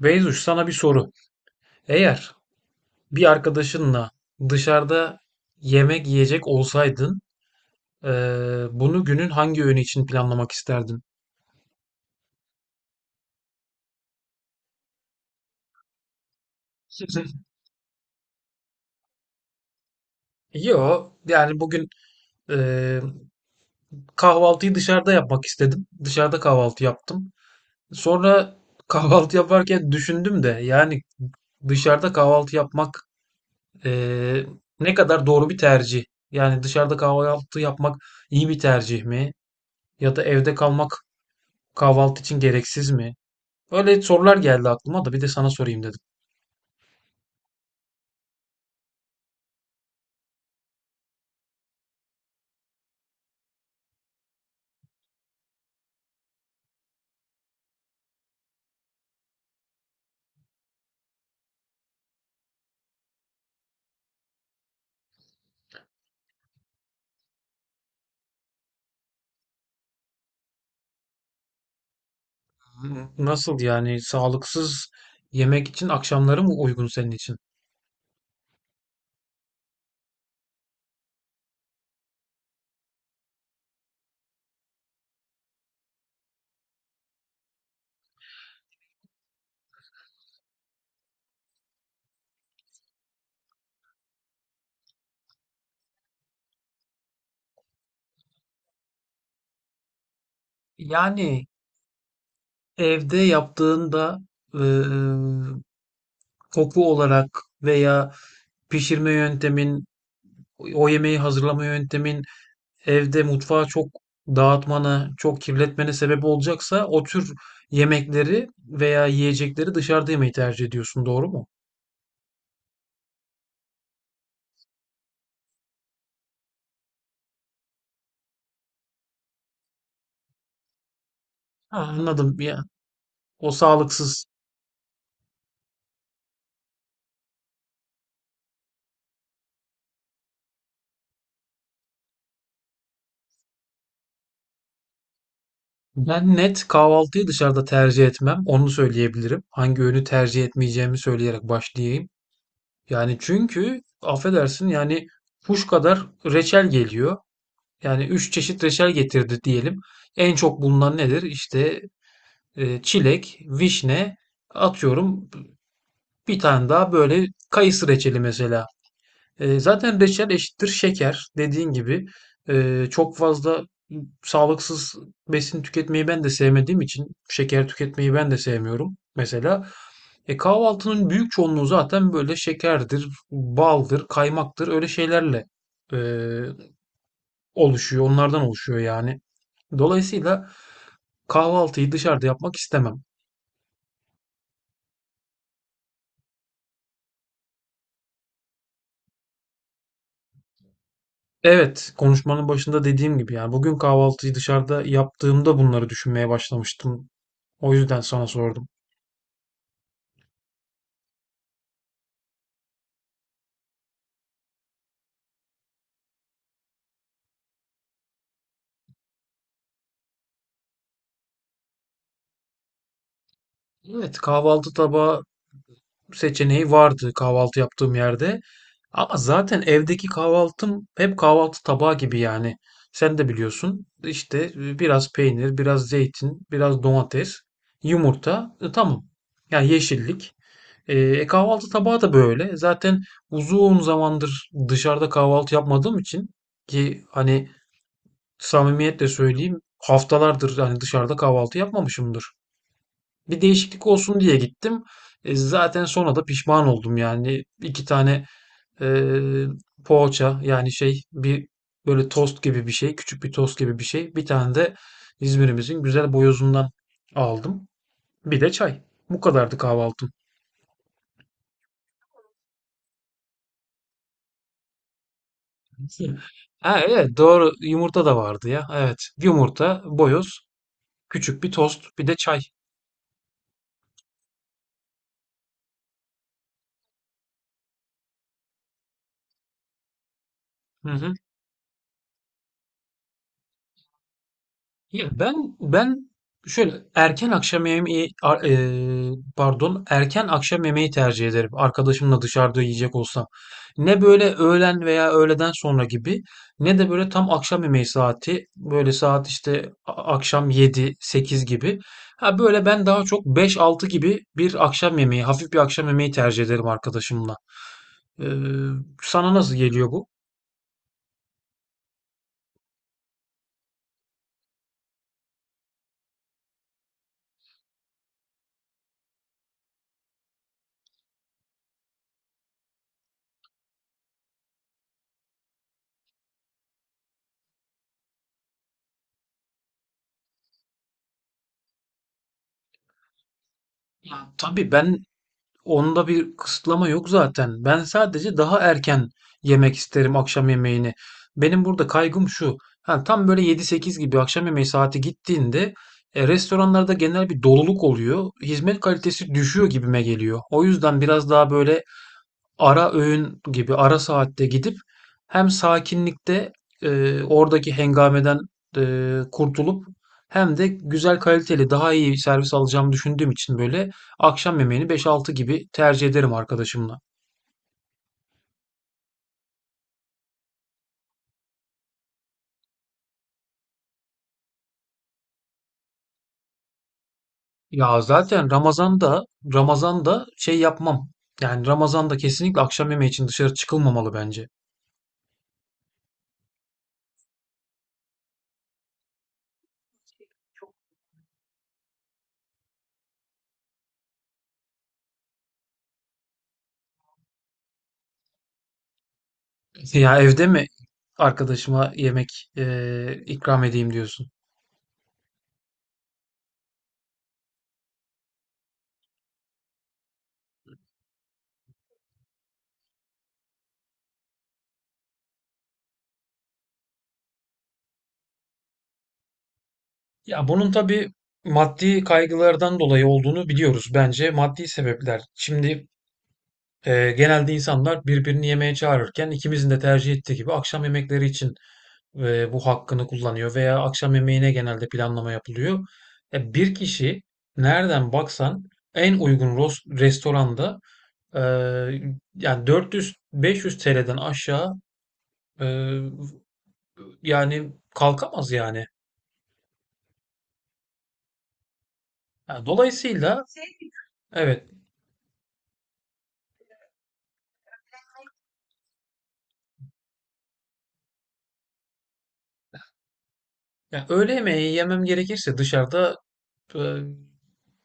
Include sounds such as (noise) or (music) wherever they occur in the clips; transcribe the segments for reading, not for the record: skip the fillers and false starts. Beyzuş, sana bir soru. Eğer bir arkadaşınla dışarıda yemek yiyecek olsaydın, bunu günün hangi öğünü için planlamak isterdin? (laughs) Yo, yani bugün eee, kahvaltıyı dışarıda yapmak istedim. Dışarıda kahvaltı yaptım. Sonra (laughs) kahvaltı yaparken düşündüm de yani dışarıda kahvaltı yapmak eee, ne kadar doğru bir tercih? Yani dışarıda kahvaltı yapmak iyi bir tercih mi? Ya da evde kalmak, kahvaltı için gereksiz mi? Öyle sorular geldi aklıma da bir de sana sorayım dedim. Nasıl yani, sağlıksız yemek için akşamları mı uygun senin için? Yani evde yaptığında eee, koku olarak veya pişirme yöntemin, o yemeği hazırlama yöntemin evde mutfağı çok dağıtmana, çok kirletmene sebep olacaksa o tür yemekleri veya yiyecekleri dışarıda yemeyi tercih ediyorsun, doğru mu? Ah, anladım ya. O sağlıksız Ben net kahvaltıyı dışarıda tercih etmem. Onu söyleyebilirim. Hangi öğünü tercih etmeyeceğimi söyleyerek başlayayım. Yani çünkü affedersin yani kuş kadar reçel geliyor. Yani üç çeşit reçel getirdi diyelim. En çok bulunan nedir? İşte çilek, vişne, atıyorum bir tane daha böyle kayısı reçeli mesela. Zaten reçel eşittir şeker dediğin gibi. Çok fazla sağlıksız besin tüketmeyi ben de sevmediğim için şeker tüketmeyi ben de sevmiyorum mesela. Kahvaltının büyük çoğunluğu zaten böyle şekerdir, baldır, kaymaktır, öyle şeylerle e, oluşuyor. Onlardan oluşuyor yani. Dolayısıyla kahvaltıyı dışarıda yapmak istemem. Evet, konuşmanın başında dediğim gibi yani bugün kahvaltıyı dışarıda yaptığımda bunları düşünmeye başlamıştım. O yüzden sana sordum. Evet, kahvaltı tabağı seçeneği vardı kahvaltı yaptığım yerde. Ama zaten evdeki kahvaltım hep kahvaltı tabağı gibi yani. Sen de biliyorsun. İşte biraz peynir, biraz zeytin, biraz domates, yumurta. Tamam. Yani yeşillik. Kahvaltı tabağı da böyle. Zaten uzun zamandır dışarıda kahvaltı yapmadığım için, ki hani samimiyetle söyleyeyim haftalardır hani dışarıda kahvaltı yapmamışımdır, bir değişiklik olsun diye gittim. Zaten sonra da pişman oldum yani. İki tane e, poğaça, yani şey, bir böyle tost gibi bir şey. Küçük bir tost gibi bir şey. Bir tane de İzmir'imizin güzel boyozundan aldım. Bir de çay. Bu kadardı kahvaltım. (laughs) Ha, evet doğru, yumurta da vardı ya. Evet, yumurta, boyoz, küçük bir tost, bir de çay. Hı hı. Ya ben şöyle erken akşam yemeği pardon, erken akşam yemeği tercih ederim. Arkadaşımla dışarıda yiyecek olsam. Ne böyle öğlen veya öğleden sonra gibi, ne de böyle tam akşam yemeği saati. Böyle saat işte akşam yedi sekiz gibi. Ha böyle, ben daha çok beş altı gibi bir akşam yemeği, hafif bir akşam yemeği tercih ederim arkadaşımla. Eee, Sana nasıl geliyor bu? Ya tabii ben, onda bir kısıtlama yok zaten. Ben sadece daha erken yemek isterim akşam yemeğini. Benim burada kaygım şu. Ha, tam böyle yedi sekiz gibi akşam yemeği saati gittiğinde restoranlarda genel bir doluluk oluyor. Hizmet kalitesi düşüyor gibime geliyor. O yüzden biraz daha böyle ara öğün gibi ara saatte gidip, hem sakinlikte oradaki hengameden kurtulup hem de güzel, kaliteli, daha iyi servis alacağımı düşündüğüm için böyle akşam yemeğini beş altı gibi tercih ederim arkadaşımla. Ya zaten Ramazan'da şey yapmam. Yani Ramazan'da kesinlikle akşam yemeği için dışarı çıkılmamalı bence. (laughs) Ya evde mi arkadaşıma yemek ikram edeyim diyorsun? Ya bunun tabii maddi kaygılardan dolayı olduğunu biliyoruz bence. Maddi sebepler. Şimdi genelde insanlar birbirini yemeğe çağırırken ikimizin de tercih ettiği gibi akşam yemekleri için bu hakkını kullanıyor veya akşam yemeğine genelde planlama yapılıyor. Bir kişi nereden baksan en uygun restoranda e, yani 400-500 TL'den aşağı e, yani kalkamaz yani. Yani dolayısıyla evet. Ya öğle yemeği yemem gerekirse dışarıda e,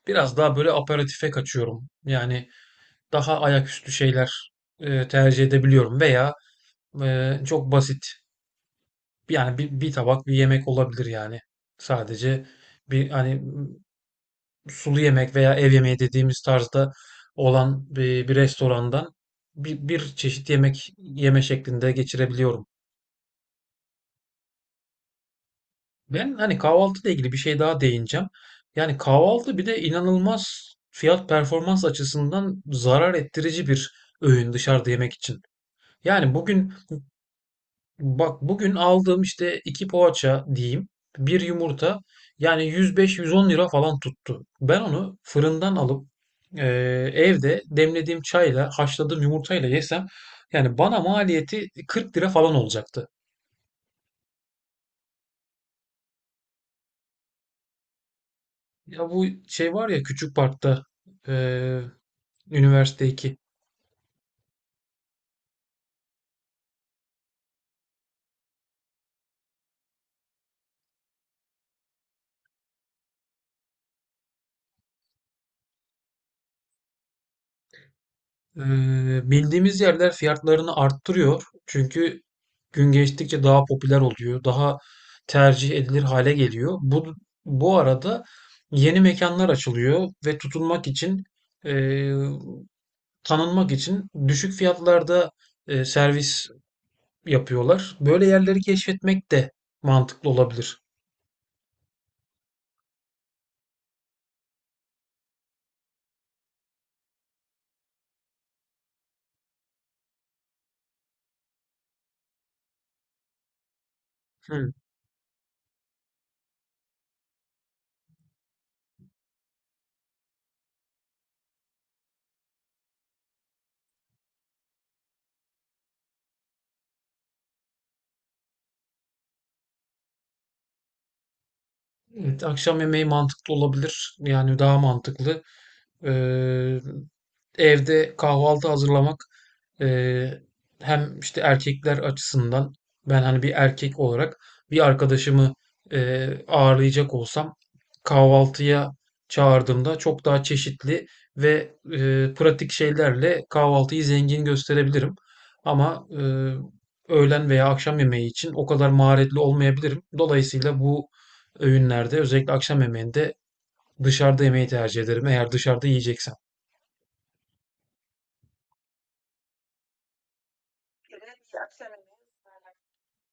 biraz daha böyle aperatife kaçıyorum. Yani daha ayaküstü şeyler tercih edebiliyorum veya çok basit yani bir tabak bir yemek olabilir yani. Sadece bir, hani sulu yemek veya ev yemeği dediğimiz tarzda olan bir restorandan bir çeşit yemek yeme şeklinde geçirebiliyorum. Ben hani kahvaltıyla ilgili bir şey daha değineceğim. Yani kahvaltı bir de inanılmaz fiyat performans açısından zarar ettirici bir öğün dışarıda yemek için. Yani bugün, bak bugün aldığım işte iki poğaça diyeyim, bir yumurta yani 105-110 lira falan tuttu. Ben onu fırından alıp e, evde demlediğim çayla haşladığım yumurtayla yesem yani bana maliyeti 40 lira falan olacaktı. Ya bu şey var ya, Küçük Park'ta e, Üniversite 2. Ee, Bildiğimiz yerler fiyatlarını arttırıyor. Çünkü gün geçtikçe daha popüler oluyor. Daha tercih edilir hale geliyor. Bu arada yeni mekanlar açılıyor ve tutunmak için e, tanınmak için düşük fiyatlarda servis yapıyorlar. Böyle yerleri keşfetmek de mantıklı olabilir. Hı. Evet, akşam yemeği mantıklı olabilir. Yani daha mantıklı. Ee, Evde kahvaltı hazırlamak, Eee, hem işte erkekler açısından, ben hani bir erkek olarak bir arkadaşımı ağırlayacak olsam kahvaltıya çağırdığımda çok daha çeşitli ve pratik şeylerle kahvaltıyı zengin gösterebilirim. Ama öğlen veya akşam yemeği için o kadar maharetli olmayabilirim. Dolayısıyla bu öğünlerde, özellikle akşam yemeğinde, dışarıda yemeği tercih ederim eğer dışarıda yiyeceksem.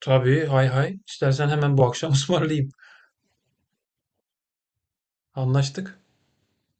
Tabii, hay hay, istersen hemen bu akşam (laughs) ısmarlayayım. Anlaştık.